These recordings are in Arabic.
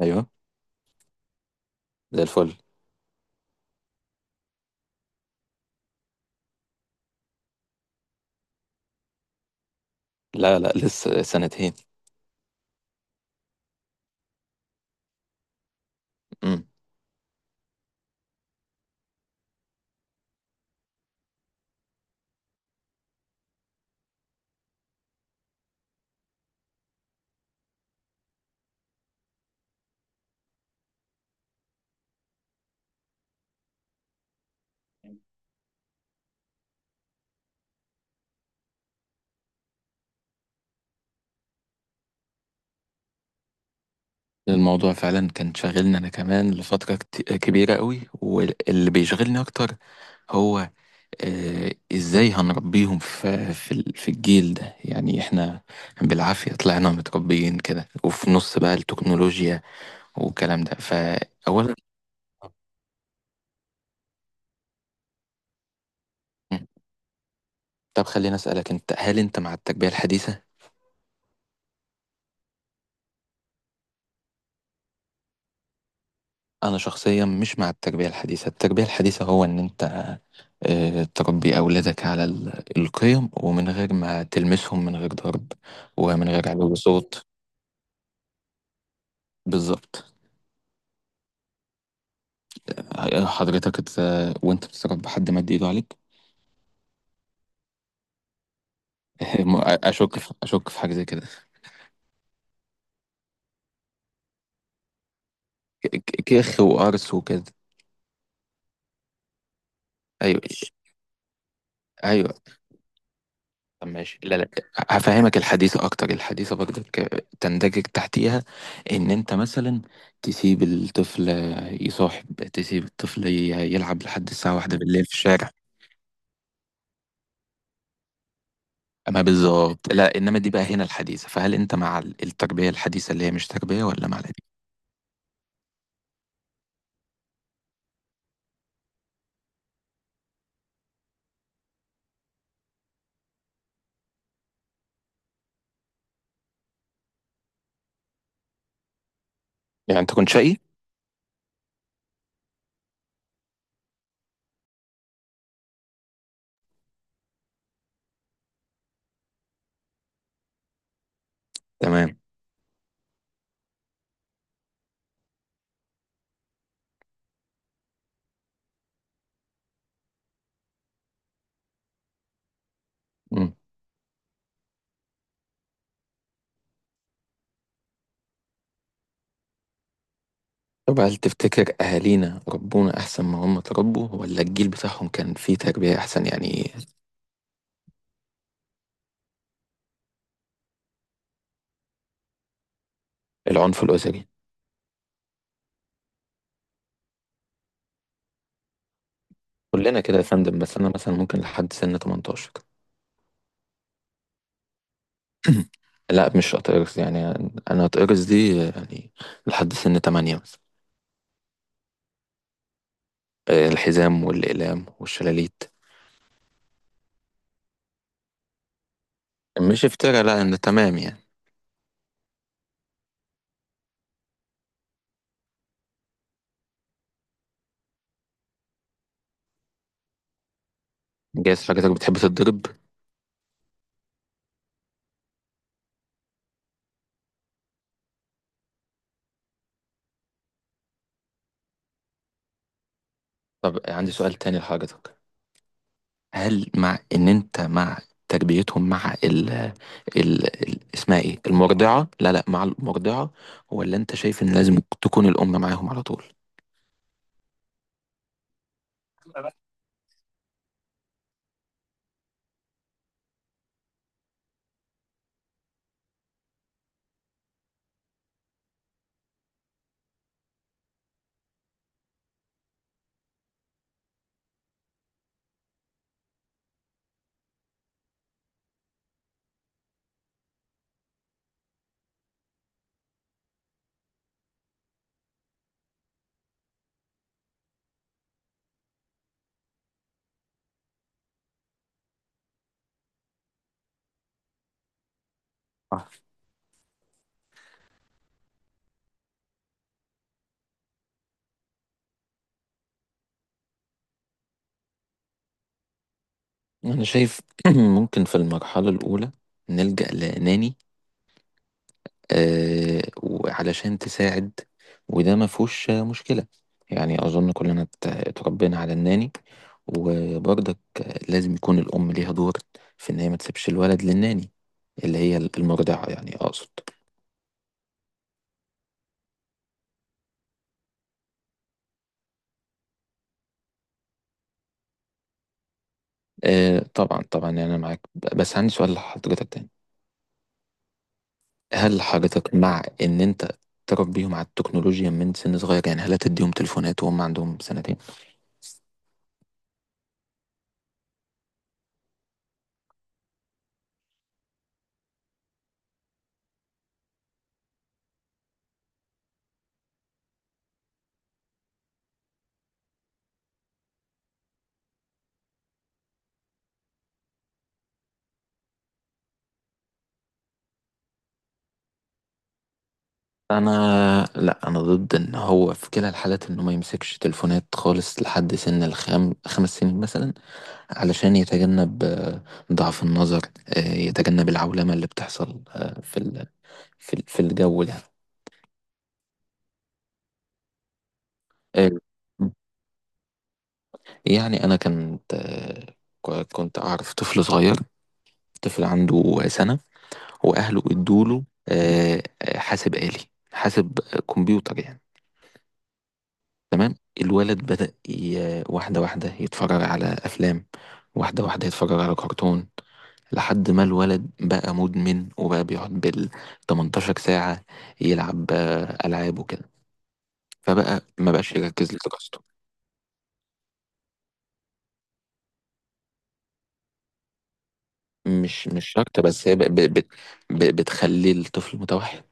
ايوه. زي الفل. لا لا لسه سنتين. امم الموضوع فعلا كان شاغلني انا كمان لفترة كبيرة قوي، واللي بيشغلني اكتر هو ازاي هنربيهم في الجيل ده؟ يعني احنا بالعافية طلعنا متربيين كده، وفي نص بقى التكنولوجيا والكلام ده. فاولا طب خليني اسالك، انت هل انت مع التربية الحديثة؟ انا شخصيا مش مع التربيه الحديثه. التربيه الحديثه هو ان انت تربي اولادك على القيم، ومن غير ما تلمسهم، من غير ضرب، ومن غير علو صوت. بالظبط. حضرتك وانت بتتربى حد مد ايده عليك؟ اشك في حاجه زي كده. كيخ وقرص وكده. ايوه. ايوه. طب ماشي. لا لا. هفهمك الحديثة أكتر. الحديثة برضك تندرج تحتيها، إن أنت مثلا تسيب الطفل يصاحب، تسيب الطفل يلعب لحد الساعة 1 بالليل في الشارع. أما بالظبط، لا إنما دي بقى هنا الحديثة. فهل أنت مع التربية الحديثة اللي هي مش تربية، ولا مع القديمة؟ يعني أنت كنت شقي؟ تمام. مم. طب هل تفتكر أهالينا ربونا أحسن، ما هم تربوا ولا الجيل بتاعهم كان فيه تربية أحسن يعني؟ العنف الأسري؟ كلنا كده يا فندم، بس أنا مثلا ممكن لحد سن 18. لا مش هتقرص يعني، انا هتقرص دي يعني لحد سن تمانية مثلا. الحزام والأقلام والشلاليت. مش افترا، لا انا تمام يعني. جايز حضرتك بتحب تتضرب؟ طب عندي سؤال تاني لحضرتك. هل مع ان انت مع تربيتهم مع ال ال اسمها ايه؟ المرضعة. لا لا، مع المرضعة ولا انت شايف ان لازم تكون الأم معاهم على طول؟ آه. انا شايف ممكن في المرحلة الأولى نلجأ لناني، وعلشان تساعد، وده ما فيهوش مشكلة. يعني أظن كلنا اتربينا على الناني. وبرضك لازم يكون الأم ليها دور في إن هي ما تسيبش الولد للناني، اللي هي المرضعة يعني أقصد. طبعا طبعا. يعني أنا معاك، بس عندي سؤال لحضرتك تاني. هل حضرتك مع إن أنت تربيهم على التكنولوجيا من سن صغير؟ يعني هل هتديهم تليفونات وهم عندهم سنتين؟ انا لا انا ضد، ان هو في كلا الحالات انه ما يمسكش تليفونات خالص لحد سن 5 سنين مثلا، علشان يتجنب ضعف النظر، يتجنب العولمة اللي بتحصل في الجو يعني. آه، يعني انا كنت كنت اعرف طفل صغير، طفل عنده سنة، واهله ادوله حاسب آلي، حاسب، كمبيوتر يعني. تمام. الولد بدأ واحدة واحدة يتفرج على أفلام، واحدة واحدة يتفرج على كرتون، لحد ما الولد بقى مدمن وبقى بيقعد بال 18 ساعة يلعب ألعاب وكده، فبقى ما بقاش يركز لدراسته. مش شرط، بس هي بتخلي الطفل متوحد.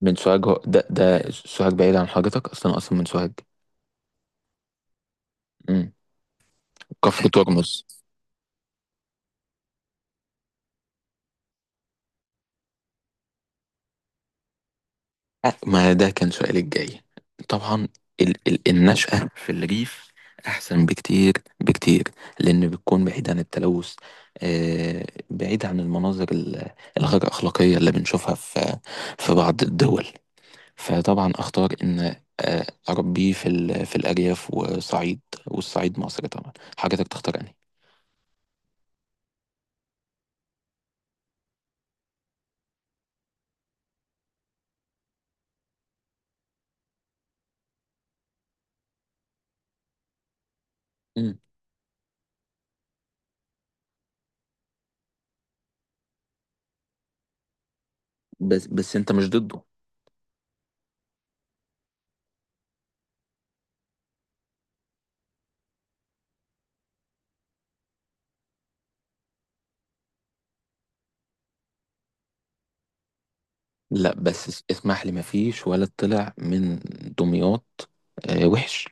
من سوهاج؟ ده سوهاج بعيد عن حضرتك أصلا، أصلا من سوهاج؟ مم. كفر ترمز. ما ده كان سؤالي الجاي. طبعا ال النشأة في الريف أحسن بكتير، بكتير، لأن بتكون بعيد عن التلوث، آه، بعيد عن المناظر الغير أخلاقية اللي بنشوفها في في بعض الدول. فطبعا أختار إن آه أربيه في الأرياف وصعيد، والصعيد مصر طبعا حضرتك تختار أنهي. مم. بس بس أنت مش ضده؟ لا بس اسمح لي، ما فيش ولا طلع من دمياط آه وحش.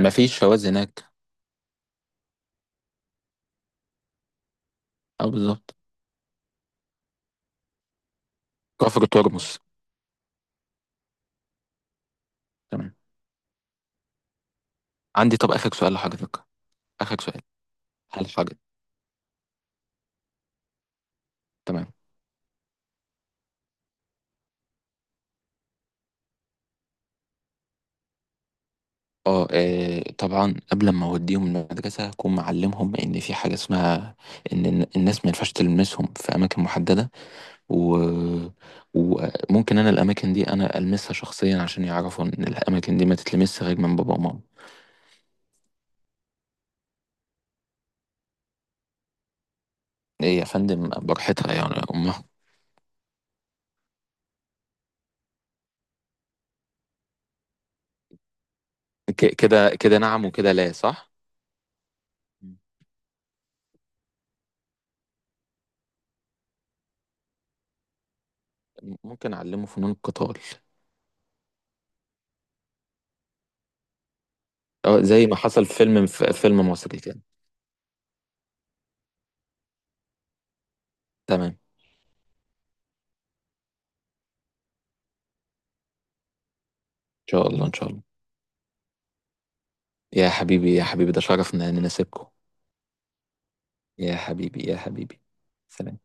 مفيش فوائد هناك. اه بالظبط. كفر ترمس. تمام. عندي طب اخر سؤال لحضرتك. اخر سؤال. هل حضرتك؟ تمام. اه طبعا قبل ما اوديهم المدرسه هكون معلمهم ان في حاجه اسمها ان الناس ما ينفعش تلمسهم في اماكن محدده. و... وممكن انا الاماكن دي انا المسها شخصيا عشان يعرفوا ان الاماكن دي ما تتلمسش غير من بابا وماما. ايه يا فندم براحتها يعني يا امها. كده كده نعم وكده لا، صح. مم. ممكن اعلمه فنون القتال. اه زي ما حصل في فيلم، في فيلم مصري كده. تمام. ان شاء الله ان شاء الله. يا حبيبي يا حبيبي، ده شرف ان انا نسيبكم. يا حبيبي يا حبيبي. سلام.